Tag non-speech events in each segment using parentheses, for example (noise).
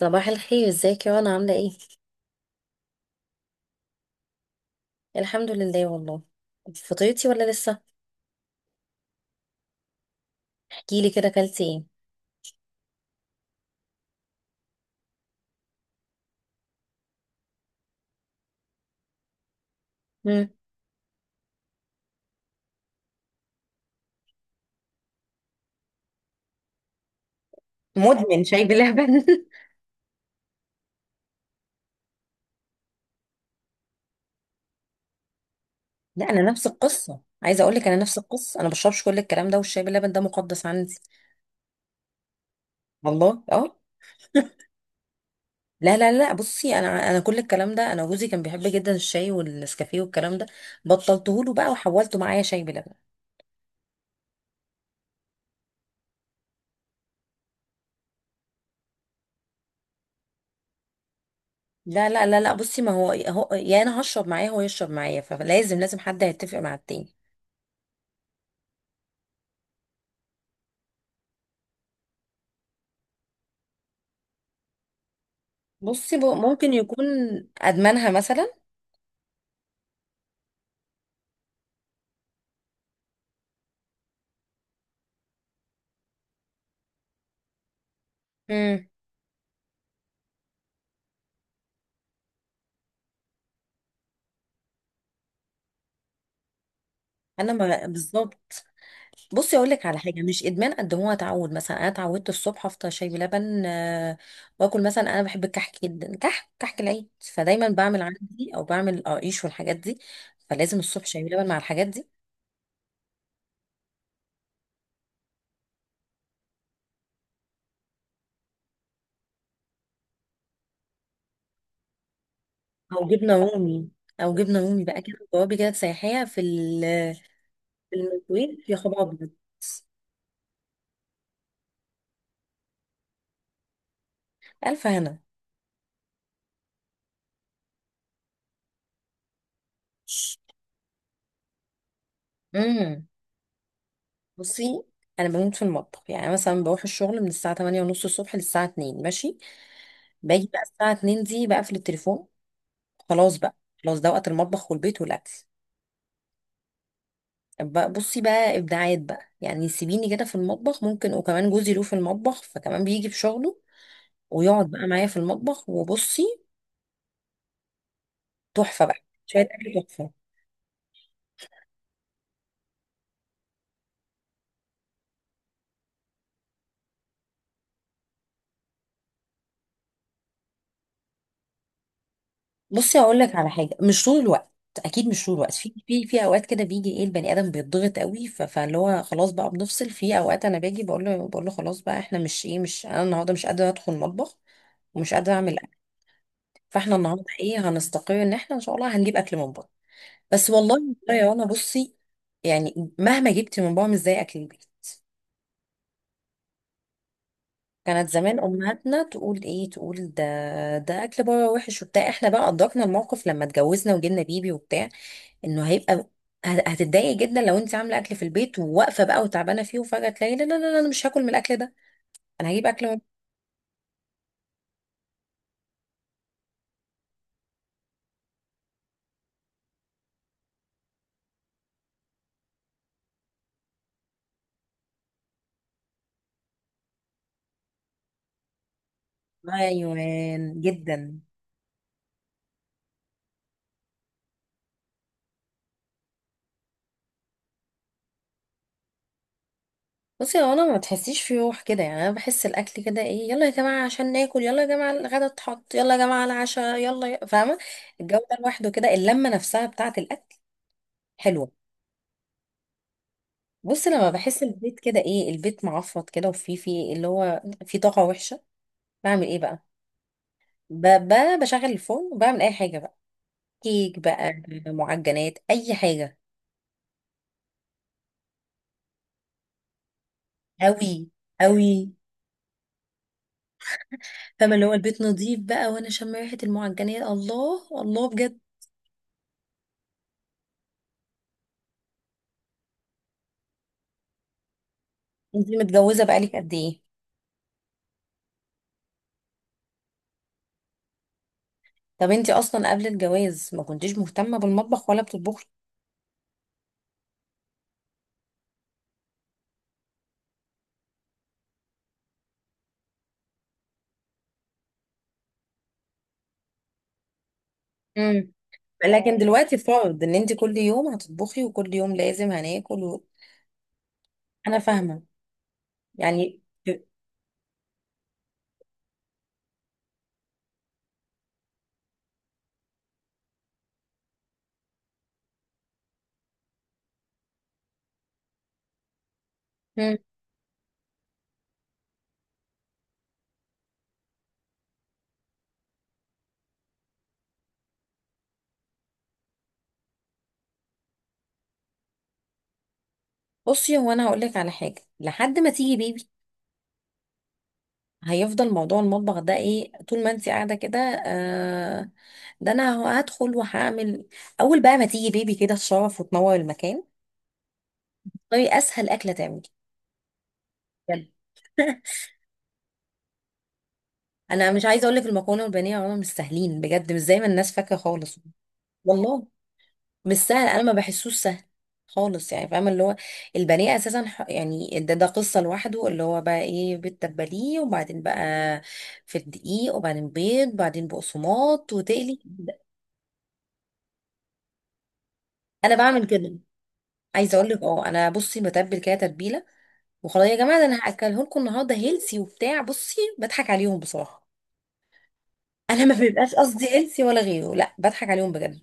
صباح الخير ازيك يا رنا عاملة ايه؟ الحمد لله والله. فطرتي ولا لسه؟ احكيلي كده اكلتي ايه؟ مم. مدمن شاي بلبن (laughs) لا، انا نفس القصه، عايزه اقول لك انا نفس القصه. انا ما بشربش كل الكلام ده، والشاي باللبن ده مقدس عندي. والله اه. لا لا لا، بصي انا كل الكلام ده، انا جوزي كان بيحب جدا الشاي والنسكافيه والكلام ده. بطلته له بقى وحولته معايا شاي بلبن. لا لا لا لا، بصي ما هو يا انا هشرب معاه هو يشرب معايا، فلازم لازم حد هيتفق مع التاني. بصي ممكن يكون ادمانها مثلا. امم. انا ما بالظبط. بصي اقول لك على حاجه مش ادمان قد هو تعود، مثلا انا اتعودت الصبح افطر شاي بلبن، واكل مثلا انا بحب الكحك جدا، كحك كحك العيد، فدايما بعمل عندي او بعمل قريش والحاجات دي. فلازم الصبح شاي بلبن مع الحاجات دي. او جبنه رومي. او جبنه رومي بقى كده جوابي، كده تسيحيها في في الميكرويف، يا خبر ابيض. الف هنا. امم. بصي انا بموت في المطبخ. يعني مثلا بروح الشغل من الساعه 8 ونص الصبح للساعه 2، ماشي. باجي بقى الساعه 2 دي بقفل التليفون. خلاص بقى. خلاص، ده وقت المطبخ والبيت والاكل. بقى بصي بقى ابداعات بقى، يعني سيبيني كده في المطبخ. ممكن وكمان جوزي له في المطبخ، فكمان بيجي في شغله ويقعد بقى معايا في المطبخ وبصي، تحفه بقى. شويه اكل تحفه. بصي هقول لك على حاجه مش طول الوقت. اكيد مش طول الوقت، في اوقات كده بيجي ايه البني ادم بيتضغط قوي، فاللي هو خلاص بقى بنفصل. في اوقات انا باجي بقول له خلاص بقى، احنا مش ايه، مش انا النهارده مش قادره ادخل المطبخ ومش قادره اعمل اكل. فاحنا النهارده ايه هنستقر ان احنا ان شاء الله هنجيب اكل من بره. بس والله والله يا رنا، بصي يعني مهما جبت من بره مش زي اكل البيت. كانت زمان امهاتنا تقول ايه، تقول ده، ده اكل بره وحش وبتاع. احنا بقى ادركنا الموقف لما اتجوزنا وجبنا بيبي وبتاع، انه هيبقى هتتضايق جدا لو انت عامله اكل في البيت وواقفه بقى وتعبانه فيه وفجاه تلاقي لا لا لا لا، انا مش هاكل من الاكل ده، انا هجيب اكل من ايوان جدا. بصي هو انا ما تحسيش في روح كده. يعني انا بحس الاكل كده ايه، يلا يا جماعه عشان ناكل، يلا يا جماعه الغدا اتحط، يلا يا جماعه العشاء، يلا فاهمه. الجو ده لوحده كده، اللمه نفسها بتاعه الاكل حلوه. بصي لما بحس البيت كده ايه، البيت معفط كده وفي في اللي هو في طاقه وحشه، بعمل ايه بقى؟ بشغل الفرن وبعمل اي حاجه بقى. كيك بقى، معجنات، اي حاجه. قوي قوي فاهمه اللي هو البيت نظيف بقى وانا شم ريحه المعجنات، الله الله بجد. انتي متجوزه بقالك قد ايه؟ طب انتي اصلا قبل الجواز ما كنتيش مهتمه بالمطبخ ولا بتطبخي؟ امم. لكن دلوقتي فرض ان انتي كل يوم هتطبخي وكل يوم لازم هناكل و... انا فاهمه يعني. مم. بصي هو انا هقول لك على حاجه، لحد ما تيجي بيبي هيفضل موضوع المطبخ ده ايه طول ما انت قاعده كده. آه ده انا هدخل وهعمل. اول بقى ما تيجي بيبي كده تشرف وتنور المكان. طيب اسهل اكله تعمل بجد (laughs) انا مش عايزه اقول لك، المكرونه والبانيه عموما مش سهلين بجد، مش زي ما الناس فاكره خالص. والله مش سهل، انا ما بحسوش سهل خالص. يعني فاهمه اللي هو البانيه اساسا يعني ده قصه لوحده، اللي هو بقى ايه بتتبليه، وبعدين بقى في الدقيق، وبعدين بيض، وبعدين بقسماط وتقلي. انا بعمل كده. عايزه اقول لك، اه انا بصي بتبل كده تتبيله وخلاص. يا جماعه ده انا هاكله لكم النهارده هيلسي وبتاع، بصي بضحك عليهم بصراحه (laughs) انا ما بيبقاش قصدي هيلسي ولا غيره، لا بضحك عليهم بجد.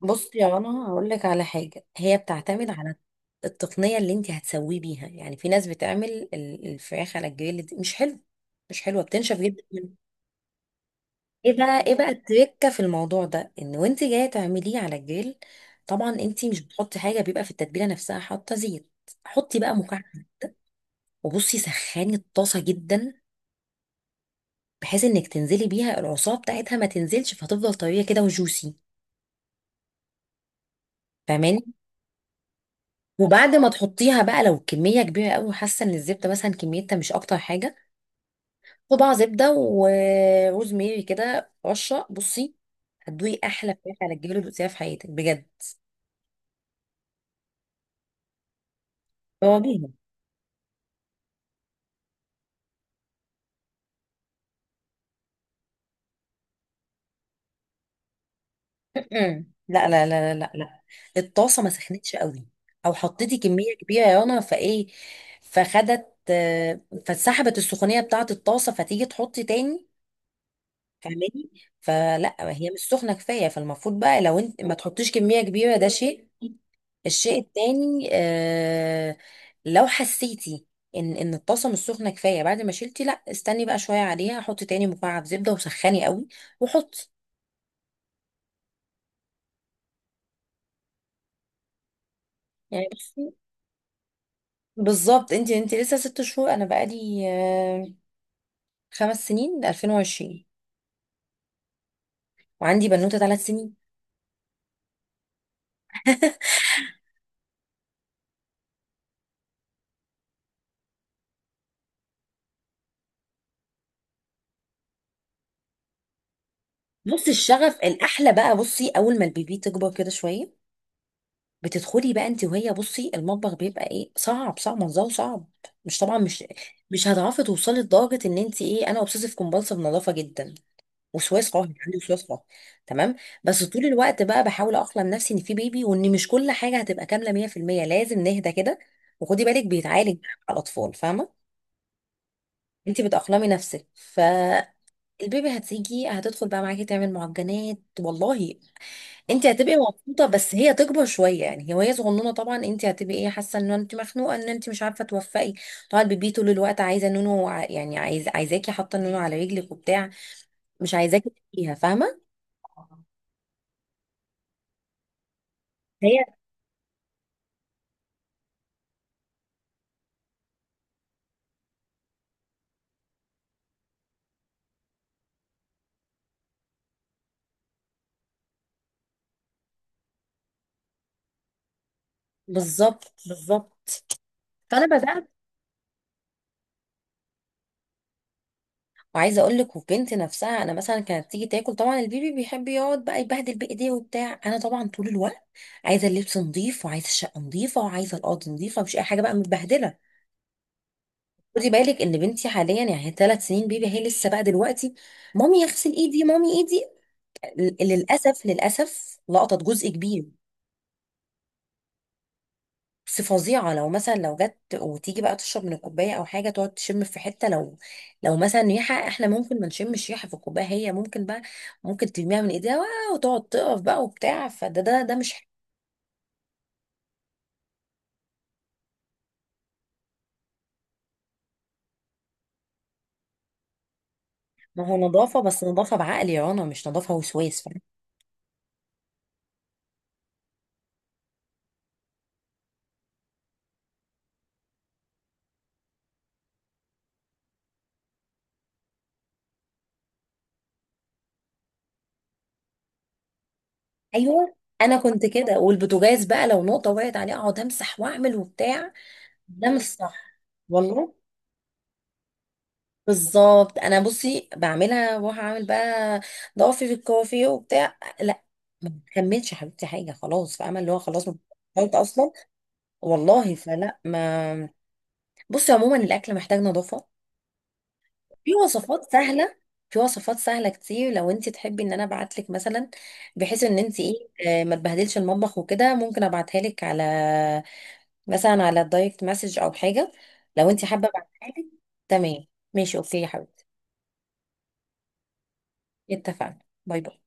بصي يا رنا هقول لك على حاجه، هي بتعتمد على التقنيه اللي انت هتسويه بيها. يعني في ناس بتعمل الفراخ على الجريل، دي مش حلو، مش حلوه، بتنشف جدا منه. ايه بقى ايه بقى التركه في الموضوع ده، ان وانت جايه تعمليه على الجريل، طبعا انت مش بتحطي حاجه، بيبقى في التتبيله نفسها حاطه زيت. حطي بقى مكعب، وبصي سخني الطاسه جدا، بحيث انك تنزلي بيها العصاره بتاعتها ما تنزلش فتفضل طريه كده وجوسي، فاهماني. وبعد ما تحطيها بقى لو كميه كبيره قوي حاسه ان الزبده مثلا كميتها مش اكتر حاجه، صباع زبده وروز ميري كده رشه. بصي هتدوقي احلى فراخ على الجبل اللي دوقتيها في حياتك بجد. جربيها. لا لا لا لا لا لا، الطاسه ما سخنتش قوي، او حطيتي كميه كبيره يا رنا، فايه فخدت، فاتسحبت السخونيه بتاعه الطاسه، فتيجي تحطي تاني، فاهماني. فلا هي مش سخنه كفايه، فالمفروض بقى لو انت ما تحطيش كميه كبيره، ده شيء. الشيء التاني، لو حسيتي ان ان الطاسه مش سخنه كفايه بعد ما شلتي، لا استني بقى شويه عليها، حطي تاني مكعب زبده وسخني قوي وحطي. يعني بس بالظبط، انت انت لسه 6 شهور، انا بقالي 5 سنين 2020، وعندي بنوته 3 سنين (laughs) بصي الشغف الاحلى بقى، بصي اول ما البيبي تكبر كده شويه بتدخلي بقى انت وهي بصي المطبخ، بيبقى ايه صعب، صعب منظره صعب، مش طبعا مش، مش هتعرفي توصلي لدرجه ان انت ايه، انا اوبسيسيف كومبالسيف نظافه جدا، وسواس قهري، عندي وسواس قهري، تمام. بس طول الوقت بقى بحاول اقلم نفسي ان في بيبي وان مش كل حاجه هتبقى كامله 100%. لازم نهدى كده، وخدي بالك بيتعالج على الاطفال فاهمه. انت بتأقلمي نفسك فالبيبي. هتيجي هتدخل بقى معاكي تعمل معجنات والله. انت هتبقي مبسوطه بس هي تكبر شويه. يعني هي وهي صغنونه طبعا انت هتبقي ايه حاسه ان انت مخنوقه ان انت مش عارفه توفقي. طبعا البيبي طول الوقت عايزه نونو، يعني عايزاكي حاطه النونو على رجلك وبتاع، مش عايزاكي تبقيها فاهمه. هي بالظبط بالظبط. فانا بدات وعايزه اقول لك وبنت نفسها. انا مثلا كانت تيجي تاكل، طبعا البيبي بيحب يقعد بقى يبهدل بايديه وبتاع، انا طبعا طول الوقت عايزه اللبس نظيف وعايزه الشقه نظيفه وعايزه الارض نظيفه، مش اي حاجه بقى متبهدله. خدي بالك ان بنتي حاليا يعني هي 3 سنين بيبي، هي لسه بقى دلوقتي مامي اغسل ايدي مامي ايدي، للاسف للاسف لقطت جزء كبير. بس فظيعة لو مثلا لو جت وتيجي بقى تشرب من الكوباية أو حاجة، تقعد تشم في حتة، لو لو مثلا ريحة، احنا ممكن ما نشمش ريحة في الكوباية، هي ممكن بقى ممكن ترميها من ايديها، وتقعد تقف بقى وبتاع، فده ده مش ما هو نظافة، بس نظافة بعقل يا رنا، مش نظافة وسواس فاهم. أيوه. أنا كنت كده، والبوتاجاز بقى لو نقطة وقعت عليه أقعد أمسح وأعمل وبتاع، ده مش صح. والله بالظبط. انا بصي بعملها واروح اعمل بقى ضعفي في الكوافيه وبتاع، لا ما بكملش يا حبيبتي حاجه، خلاص فاهمه اللي هو خلاص بطلت اصلا. والله فلا ما. بصي عموما الاكل محتاج نظافه. في وصفات سهله، في وصفات سهله كتير، لو انت تحبي ان انا ابعت لك مثلا، بحيث ان انت ايه، ما تبهدلش المطبخ وكده، ممكن ابعتها لك على مثلا على الدايركت مسج او حاجه، لو انت حابه ابعتها لك. تمام، ماشي، اوكي يا حبيبتي. اتفقنا. باي باي.